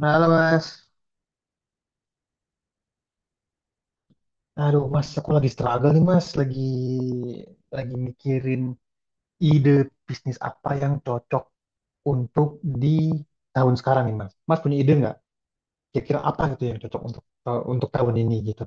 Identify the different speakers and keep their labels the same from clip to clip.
Speaker 1: Halo Mas. Aduh Mas, aku lagi struggle nih Mas, lagi mikirin ide bisnis apa yang cocok untuk di tahun sekarang nih Mas. Mas punya ide nggak? Kira-kira apa gitu yang cocok untuk untuk tahun ini gitu?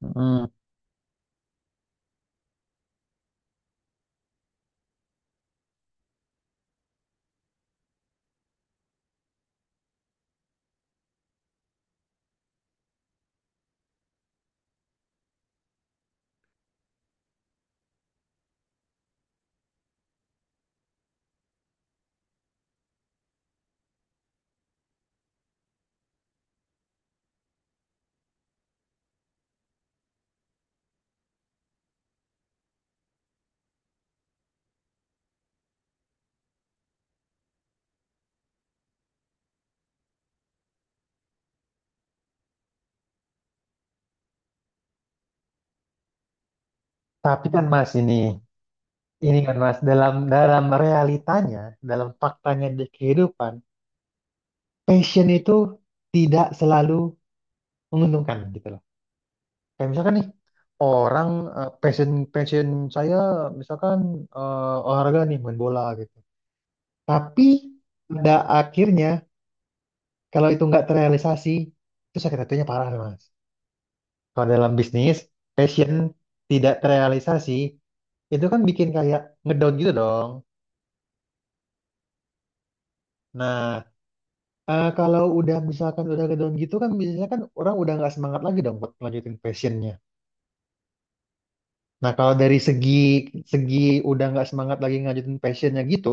Speaker 1: Hmm, tapi kan Mas ini kan Mas dalam dalam realitanya, dalam faktanya di kehidupan, passion itu tidak selalu menguntungkan gitu. Kayak misalkan nih orang, eh, passion passion saya misalkan olahraga nih main bola gitu. Tapi pada akhirnya kalau itu nggak terrealisasi itu sakit hatinya parah nih, Mas. Kalau dalam bisnis passion tidak terrealisasi itu kan bikin kayak ngedown gitu dong. Nah Kalau udah misalkan udah ngedown gitu kan biasanya kan orang udah nggak semangat lagi dong buat lanjutin passionnya. Nah kalau dari segi segi udah nggak semangat lagi ngajutin passionnya gitu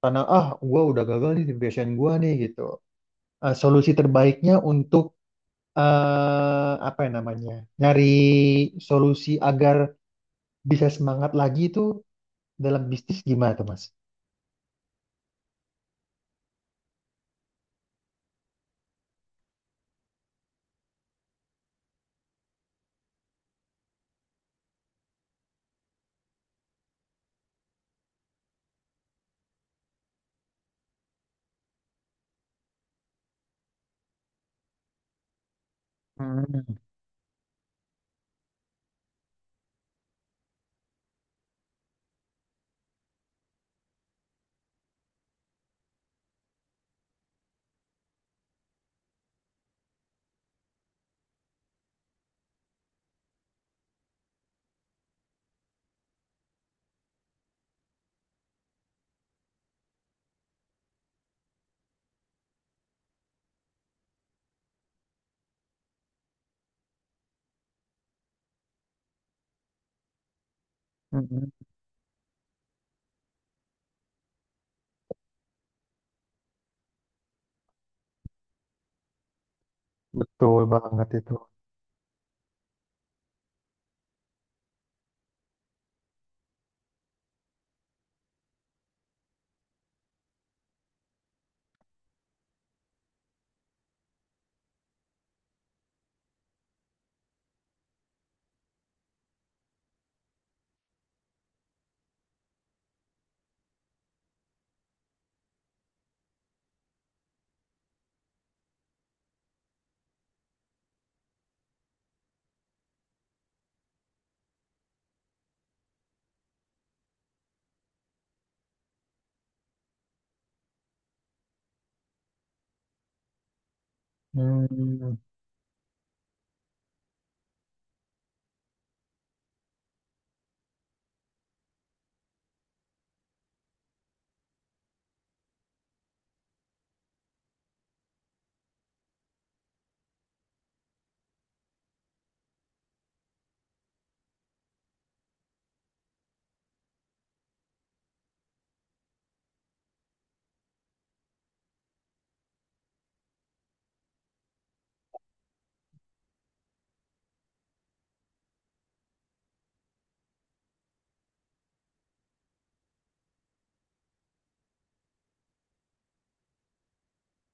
Speaker 1: karena ah gue udah gagal nih di passion gue nih gitu. Solusi terbaiknya untuk, apa ya namanya, nyari solusi agar bisa semangat lagi itu dalam bisnis gimana tuh Mas? Hmm. Hmm. Betul banget itu. Hmm.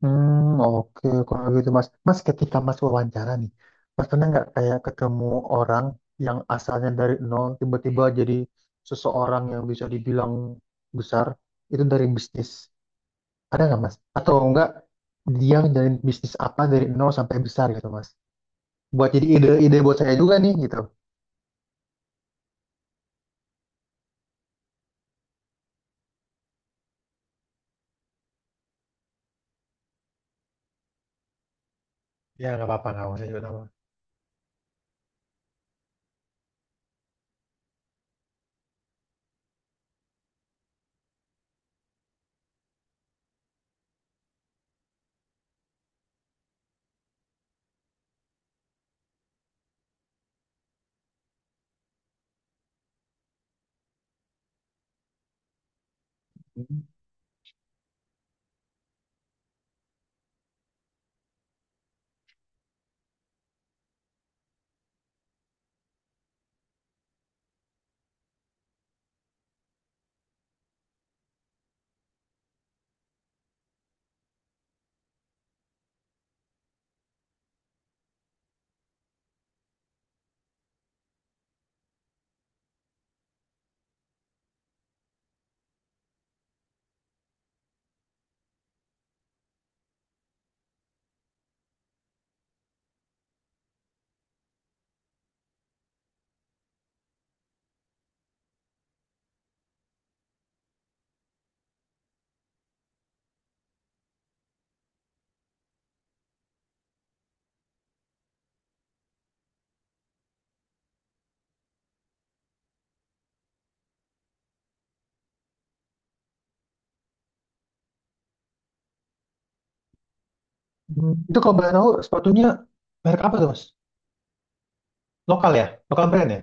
Speaker 1: Hmm, oke kalau gitu Mas. Mas ketika Mas wawancara nih, Mas pernah nggak kayak ketemu orang yang asalnya dari nol tiba-tiba jadi seseorang yang bisa dibilang besar itu dari bisnis? Ada nggak Mas? Atau enggak, dia ngejalanin bisnis apa dari nol sampai besar gitu Mas? Buat jadi ide-ide buat saya juga nih gitu. Ya nggak apa-apa, nggak usah juga tahu. Hmm, itu kalau boleh tahu sepatunya merek apa tuh Mas? Lokal ya, lokal brand ya.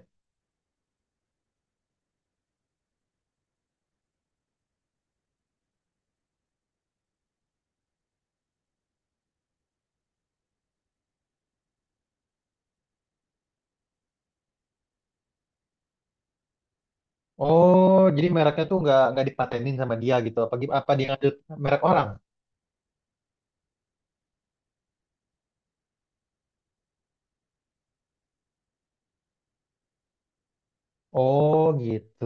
Speaker 1: Oh, jadi mereknya tuh nggak dipatenin sama dia gitu. Apa gim- apa dia ngambil merek orang? Oh gitu.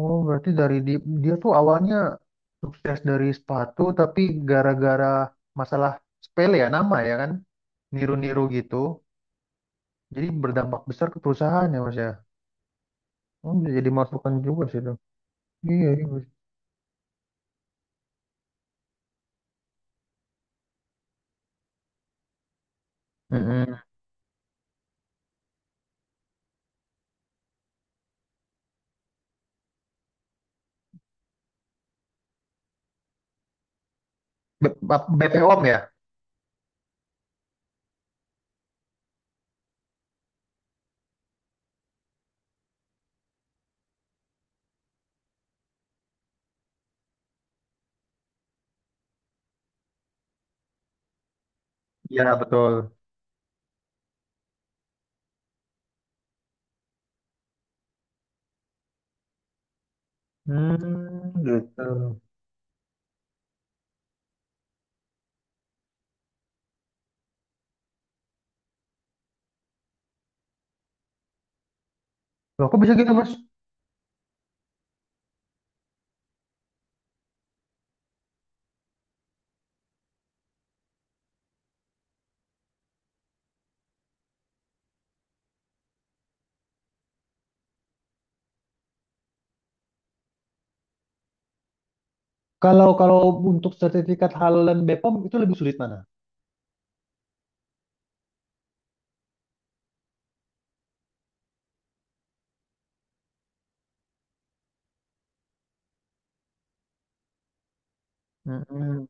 Speaker 1: Oh, berarti dari di- dia tuh awalnya sukses dari sepatu, tapi gara-gara masalah sepele ya, nama ya kan? Niru-niru gitu. Jadi berdampak besar ke perusahaan ya Mas ya. Oh, bisa jadi masukan juga sih itu. Iya, iya. Mas. Mm-mm. BPOM ya? Ya, betul. Hmm, gitu. Loh, kok bisa gitu Mas? Kalau kalau untuk sertifikat halal dan BPOM itu lebih sulit mana? Mm-mm.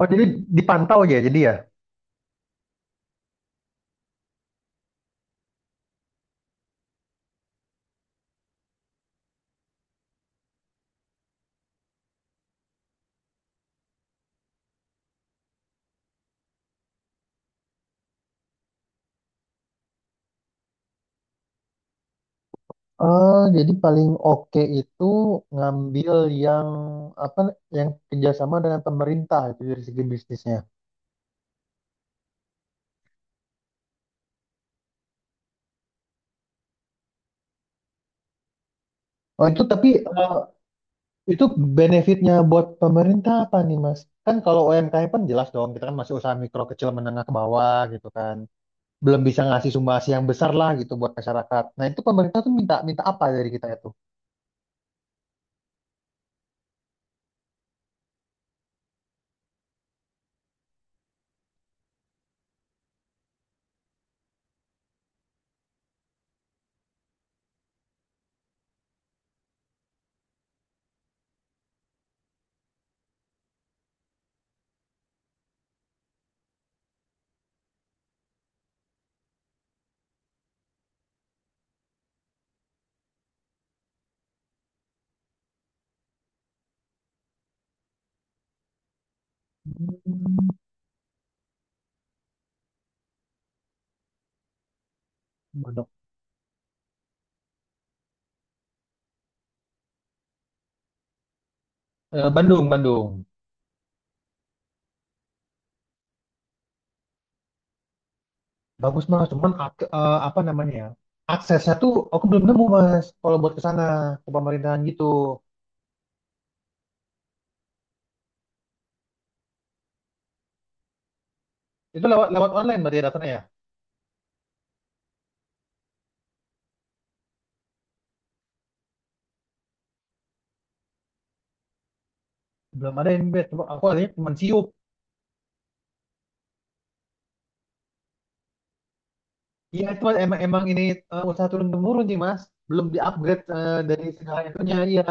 Speaker 1: Oh, jadi dipantau ya jadi ya? Jadi paling oke itu ngambil yang apa yang kerjasama dengan pemerintah itu dari segi bisnisnya. Oh itu tapi, eh, itu benefitnya buat pemerintah apa nih, Mas? Kan kalau UMKM kan jelas dong, kita kan masih usaha mikro kecil menengah ke bawah gitu kan. Belum bisa ngasih sumbasi yang besar lah gitu buat masyarakat. Nah, itu pemerintah tuh minta minta apa dari kita itu? Hmm, Bandung. Bandung, Bandung. Bagus Mas, cuman ak- apa namanya ya? Aksesnya tuh aku belum nemu Mas. Kalau buat ke sana ke pemerintahan gitu, itu lewat lewat online berarti datanya ya. Belum ada yang bed. Coba aku adanya cuma siup. Iya, cuman emang emang ini, usaha turun temurun sih Mas, belum diupgrade dari segala itunya iya.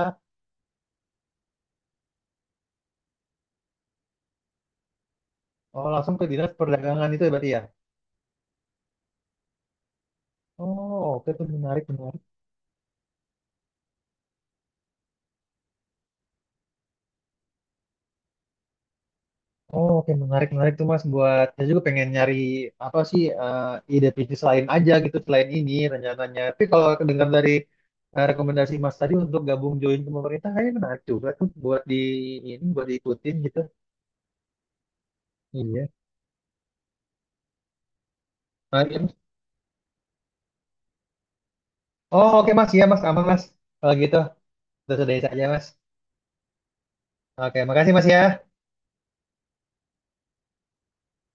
Speaker 1: Oh langsung ke dinas perdagangan itu ya berarti ya. Oh oke tuh, menarik menarik. Oh oke, menarik menarik tuh Mas, buat saya juga pengen nyari apa sih, ide bisnis lain aja gitu selain ini rencananya. Tapi kalau dengar dari, rekomendasi Mas tadi untuk gabung join ke pemerintah kayaknya menarik juga tuh buat di ini buat diikutin gitu. Iya. Menarik ya, Mas. Oh oke Mas, iya Mas aman Mas. Kalau gitu, sudah saja Mas. Oke, makasih Mas ya.